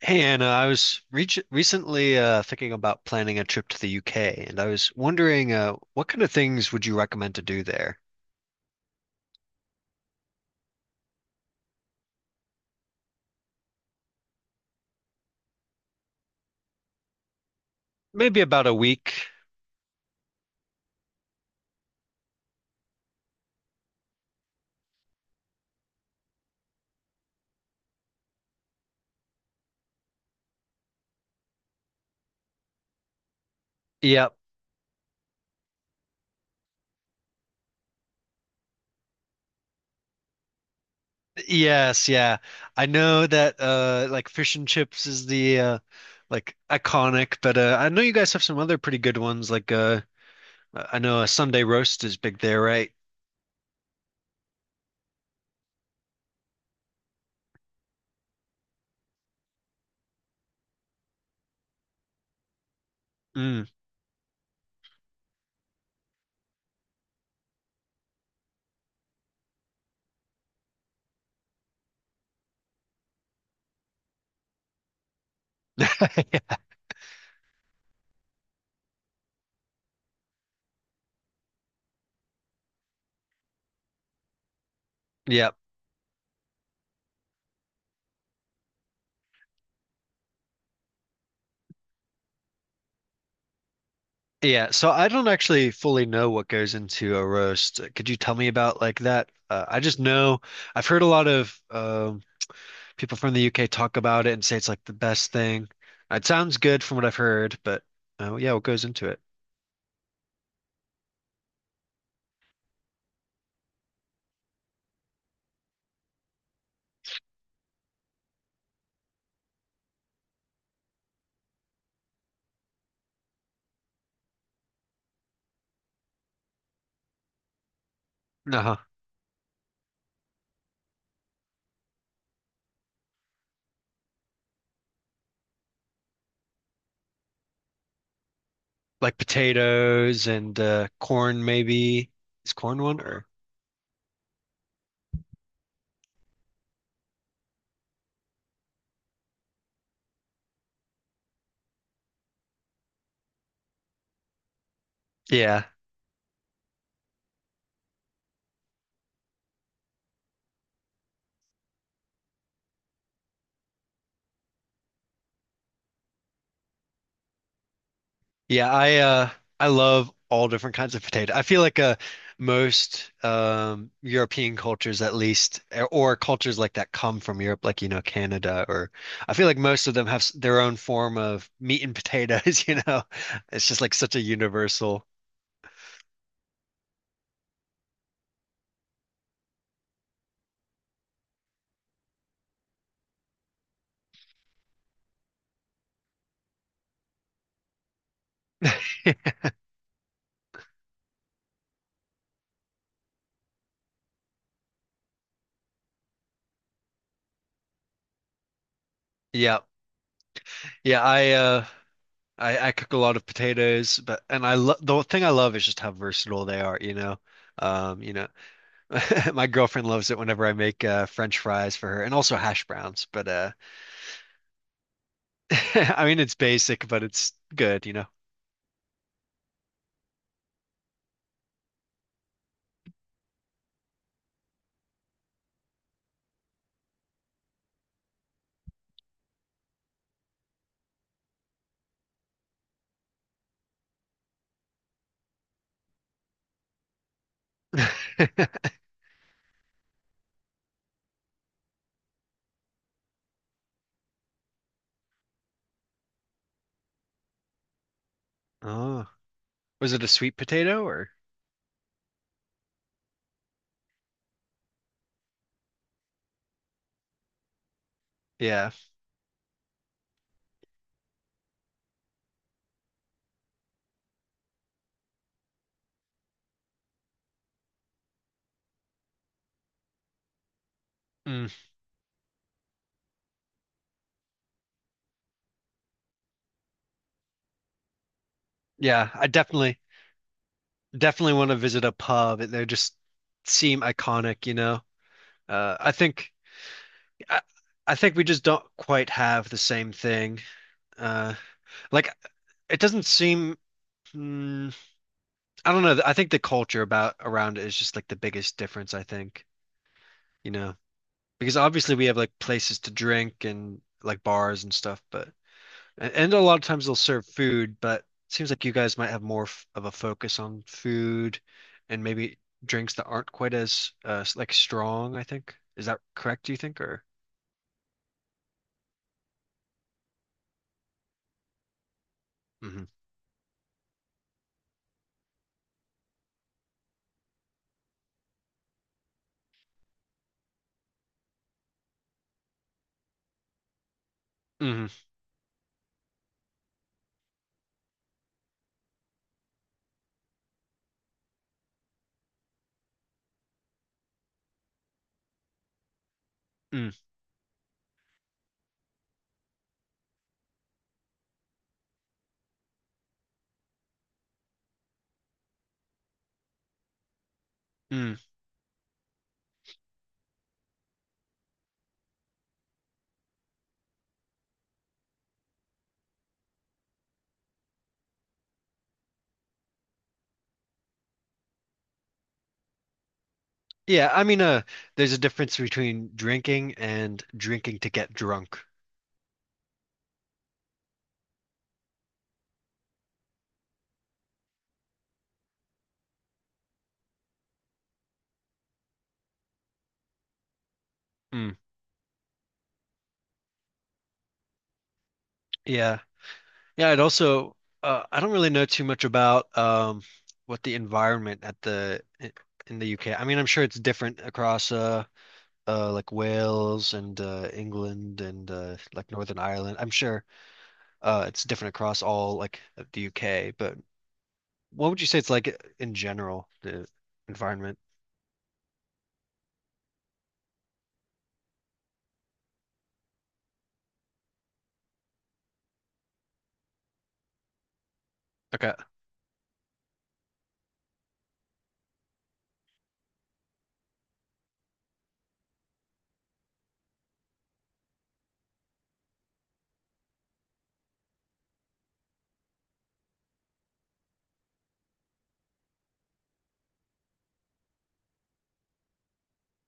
Hey Anna, I was re recently thinking about planning a trip to the UK, and I was wondering what kind of things would you recommend to do there? Maybe about a week. Yep. Yes, yeah. I know that like fish and chips is the like iconic, but I know you guys have some other pretty good ones. Like I know a Sunday roast is big there, right? Mm. Yeah. Yeah, so I don't actually fully know what goes into a roast. Could you tell me about like that? I just know I've heard a lot of people from the UK talk about it and say it's like the best thing. It sounds good from what I've heard, but yeah, what goes into it? Uh-huh. Like potatoes and corn, maybe. Is corn one or? Yeah. Yeah, I love all different kinds of potato. I feel like most European cultures at least or cultures like that come from Europe like you know Canada or I feel like most of them their own form of meat and potatoes, you know. It's just like such a universal. Yeah. Yeah, I cook a lot of potatoes, but and I love the thing I love is just how versatile they are, you know. Um, you know, my girlfriend loves it whenever I make French fries for her and also hash browns, but I mean, it's basic, but it's good, you know. Oh, was it a sweet potato or? Yeah. Mm, yeah, I definitely want to visit a pub. They just seem iconic, you know. I think I, I think we just don't quite have the same thing. Uh, like it doesn't seem mm, I don't know. I think the culture about around it is just like the biggest difference, I think, you know. Because obviously we have like places to drink and like bars and stuff, but and a lot of times they'll serve food, but it seems like you guys might have more f of a focus on food and maybe drinks that aren't quite as like strong, I think. Is that correct, do you think, or? Hmm. Hmm. Mm. Mm. Yeah, I mean, there's a difference between drinking and drinking to get drunk. Mm. Yeah. Yeah, I'd also I don't really know too much about what the environment at the in the UK. I mean, I'm sure it's different across like Wales and England and like Northern Ireland. I'm sure it's different across all like of the UK, but what would you say it's like in general, the environment? Okay.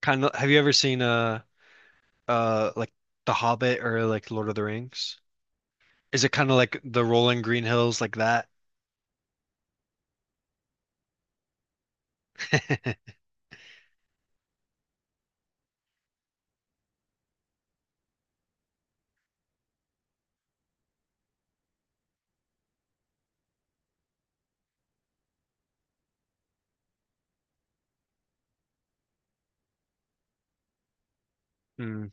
Kind of have you ever seen like The Hobbit or like Lord of the Rings? Is it kind of like the rolling green hills like that? Mm.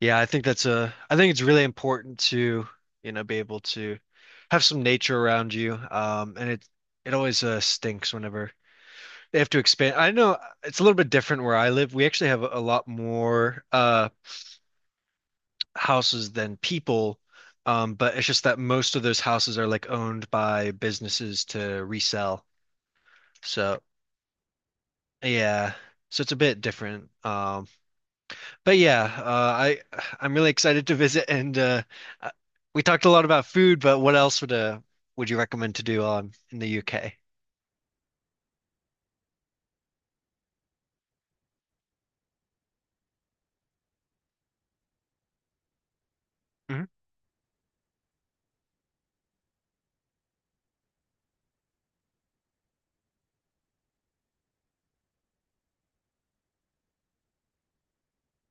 Yeah, I think that's a I think it's really important to, you know, be able to have some nature around you. Um, and it always stinks whenever they have to expand. I know it's a little bit different where I live. We actually have a lot more houses than people. But it's just that most of those houses are like owned by businesses to resell. So yeah. So it's a bit different. But yeah, I'm really excited to visit and uh, we talked a lot about food, but what else would you recommend to do in the UK? Mhm.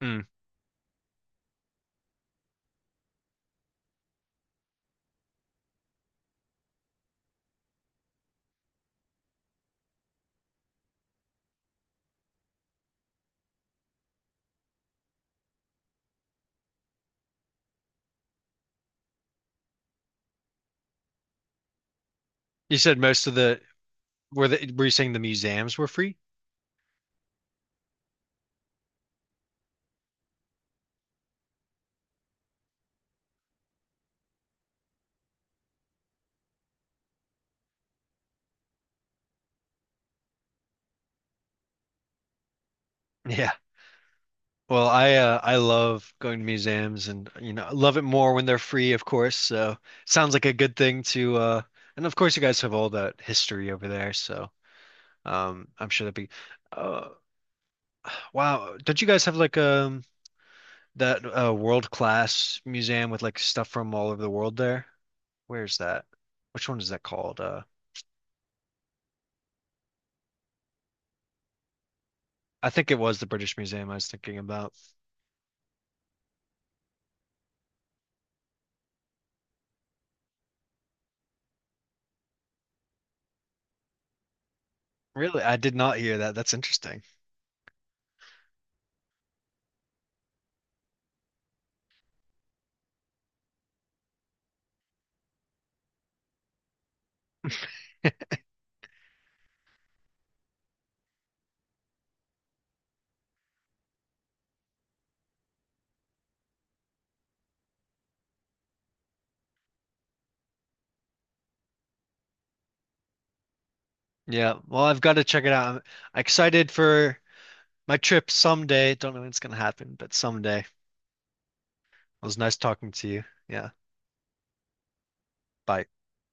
Mm. You said most of the Were you saying the museums were free? Yeah. Well, I love going to museums and you know, I love it more when they're free, of course. So sounds like a good thing to and of course you guys have all that history over there, so I'm sure that'd be uh wow, don't you guys have like that world-class museum with like stuff from all over the world there? Where's that? Which one is that called? I think it was the British Museum I was thinking about. Really? I did not hear that. That's interesting. Yeah. Well, I've got to check it out. I'm excited for my trip someday. Don't know when it's gonna happen, but someday. It was nice talking to you. Yeah. Bye.